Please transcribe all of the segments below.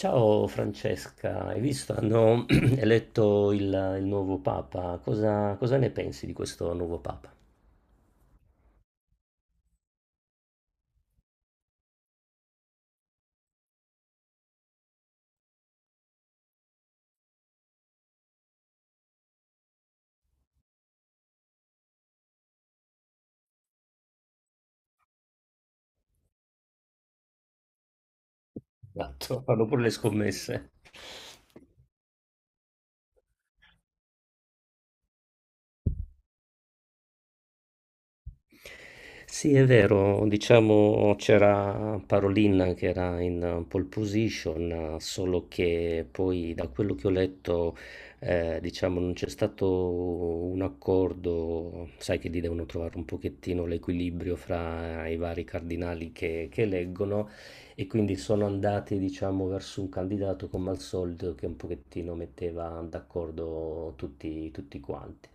Ciao Francesca, hai visto? Hanno eletto il nuovo Papa. Cosa ne pensi di questo nuovo Papa? Esatto, fanno pure le scommesse. Sì, è vero, diciamo c'era Parolin che era in pole position, solo che poi da quello che ho letto, diciamo, non c'è stato un accordo, sai che lì devono trovare un pochettino l'equilibrio fra i vari cardinali che eleggono e quindi sono andati, diciamo, verso un candidato come al solito che un pochettino metteva d'accordo tutti quanti.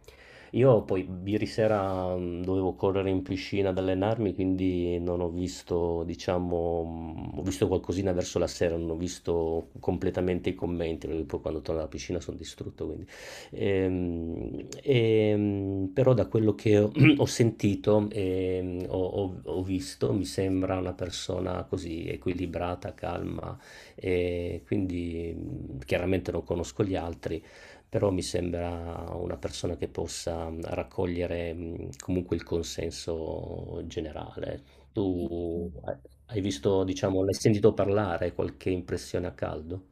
Io poi ieri sera dovevo correre in piscina ad allenarmi, quindi non ho visto, diciamo, ho visto qualcosina verso la sera, non ho visto completamente i commenti, perché poi quando torno alla piscina sono distrutto, quindi. Però da quello che ho, ho sentito e ho visto, mi sembra una persona così equilibrata, calma, e quindi chiaramente non conosco gli altri però mi sembra una persona che possa raccogliere comunque il consenso generale. Tu hai visto, diciamo, l'hai sentito parlare, qualche impressione a caldo?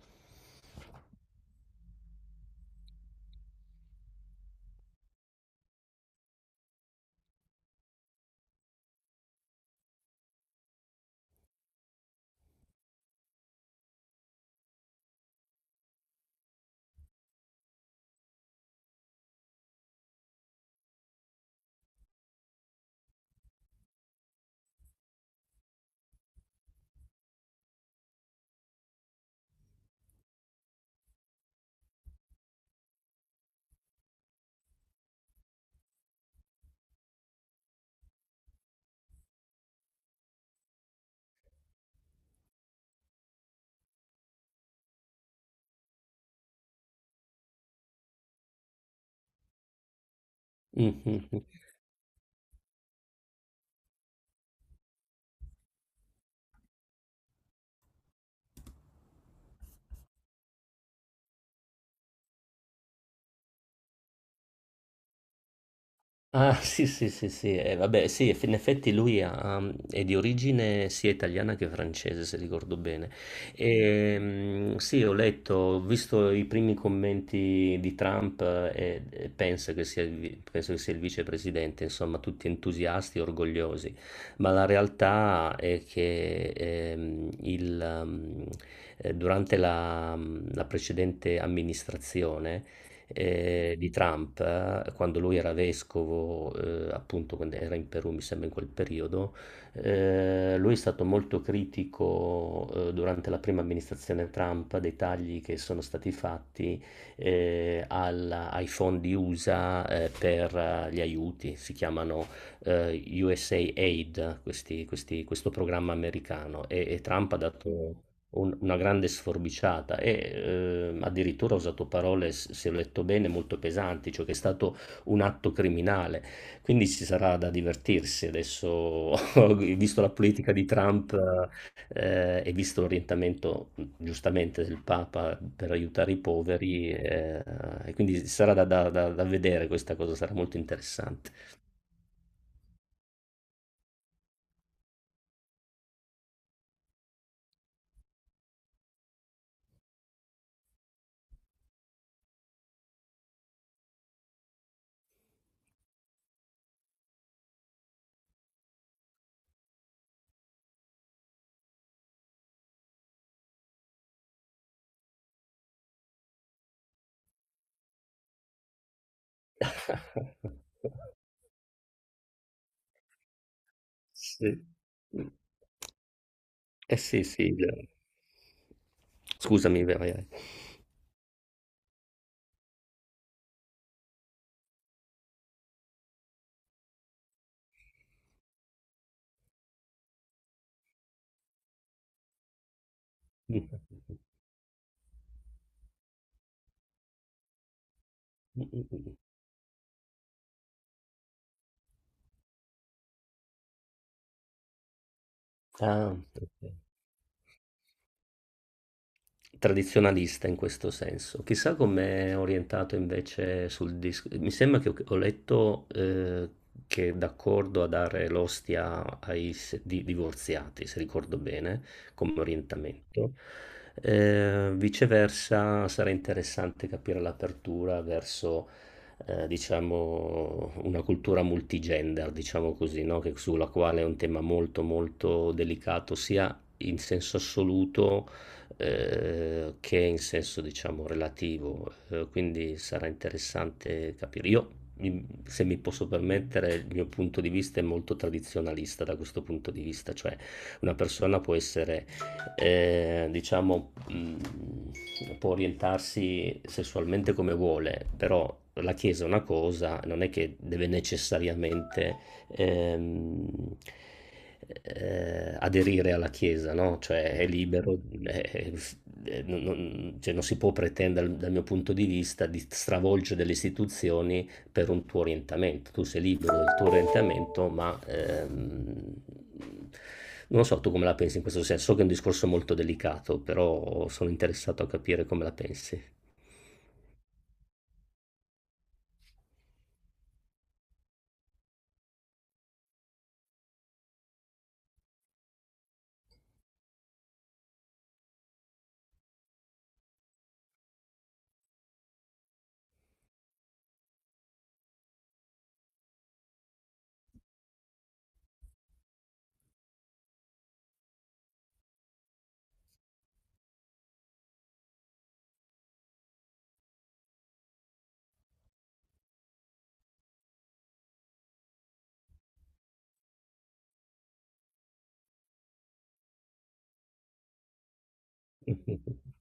Mhm. Ah, sì, sì, sì, sì, vabbè, sì, in effetti lui è di origine sia italiana che francese, se ricordo bene. E, sì, ho letto, ho visto i primi commenti di Trump e penso che sia penso che sia il vicepresidente, insomma, tutti entusiasti e orgogliosi, ma la realtà è che durante la precedente amministrazione di Trump, quando lui era vescovo, appunto quando era in Perù, mi sembra in quel periodo, lui è stato molto critico durante la prima amministrazione Trump dei tagli che sono stati fatti ai fondi USA per gli aiuti, si chiamano USA Aid, questo programma americano, e Trump ha dato una grande sforbiciata addirittura ha usato parole, se ho letto bene, molto pesanti, cioè che è stato un atto criminale. Quindi ci sarà da divertirsi adesso, visto la politica di Trump e visto l'orientamento giustamente del Papa per aiutare i poveri, e quindi sarà da vedere questa cosa, sarà molto interessante. Sì. Eh sì, sì. Scusami, vai. Vai. Mh, mh, mh, mh. Ah, okay. Tradizionalista in questo senso. Chissà com'è orientato invece sul disco. Mi sembra che ho letto che è d'accordo a dare l'ostia ai divorziati, se ricordo bene, come orientamento. Viceversa, sarà interessante capire l'apertura verso. Diciamo una cultura multigender, diciamo così, no? Che, sulla quale è un tema molto molto delicato sia in senso assoluto, che in senso diciamo relativo, quindi sarà interessante capire. Io, se mi posso permettere, il mio punto di vista è molto tradizionalista da questo punto di vista, cioè una persona può essere, diciamo, può orientarsi sessualmente come vuole, però la Chiesa è una cosa, non è che deve necessariamente ehm, aderire alla Chiesa, no? Cioè è libero, eh, f- cioè, non si può pretendere dal mio punto di vista di stravolgere delle istituzioni per un tuo orientamento. Tu sei libero del tuo orientamento, ma non so tu come la pensi in questo senso. So che è un discorso molto delicato, però sono interessato a capire come la pensi.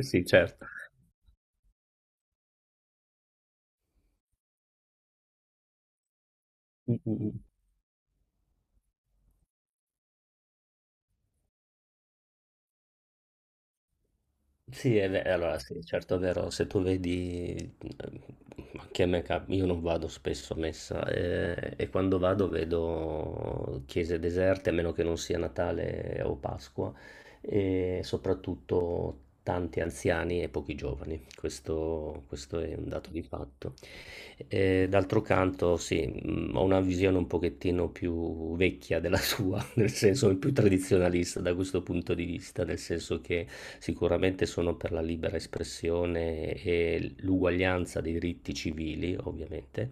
Sì, certo. Sì, allora sì, certo è vero, se tu vedi, anche a me io non vado spesso a messa e quando vado vedo chiese deserte, a meno che non sia Natale o Pasqua, e soprattutto tanti anziani e pochi giovani, questo è un dato di fatto. D'altro canto, sì, ho una visione un pochettino più vecchia della sua, nel senso più tradizionalista da questo punto di vista, nel senso che sicuramente sono per la libera espressione e l'uguaglianza dei diritti civili, ovviamente,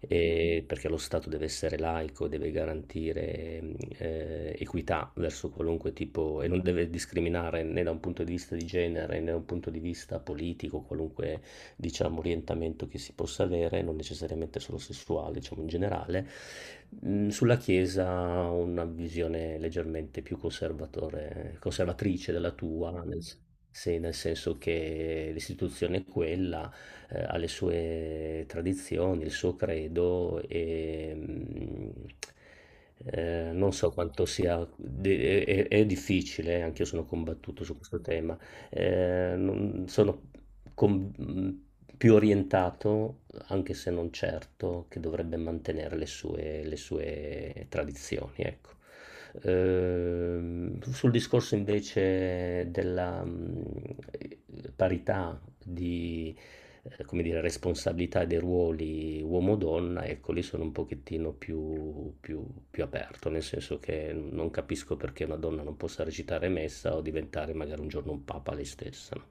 e perché lo Stato deve essere laico, deve garantire equità verso qualunque tipo e non deve discriminare né da un punto di vista di genere né da un punto di vista politico, qualunque diciamo, orientamento che si possa avere, non necessariamente solo sessuale, diciamo in generale. Sulla Chiesa una visione leggermente più conservatrice della tua, sì, nel senso che l'istituzione è quella, ha le sue tradizioni, il suo credo e... non so quanto sia, è difficile, anche io sono combattuto su questo tema, sono con- mh, più orientato, anche se non certo, che dovrebbe mantenere le sue tradizioni, ecco. Sul discorso invece della parità di, come dire, responsabilità dei ruoli uomo-donna, ecco, lì sono un pochettino più aperto, nel senso che non capisco perché una donna non possa recitare messa o diventare magari un giorno un papa lei stessa, no?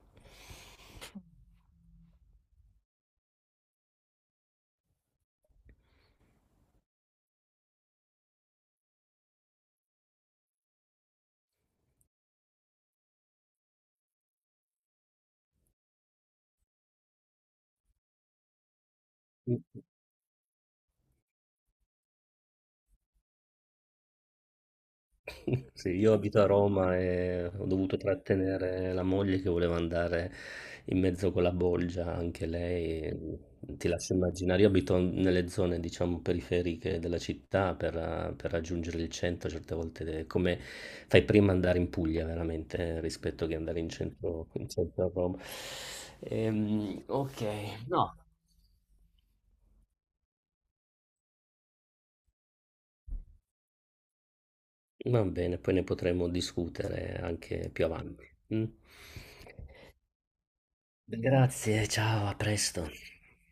Sì, io abito a Roma e ho dovuto trattenere la moglie che voleva andare in mezzo con la bolgia, anche lei. Ti lascio immaginare, io abito nelle zone, diciamo, periferiche della città per raggiungere il centro, certe volte è come fai prima ad andare in Puglia veramente rispetto che andare in centro a Roma. Ok, no. Va bene, poi ne potremo discutere anche più avanti. Mm? Grazie, ciao, a presto.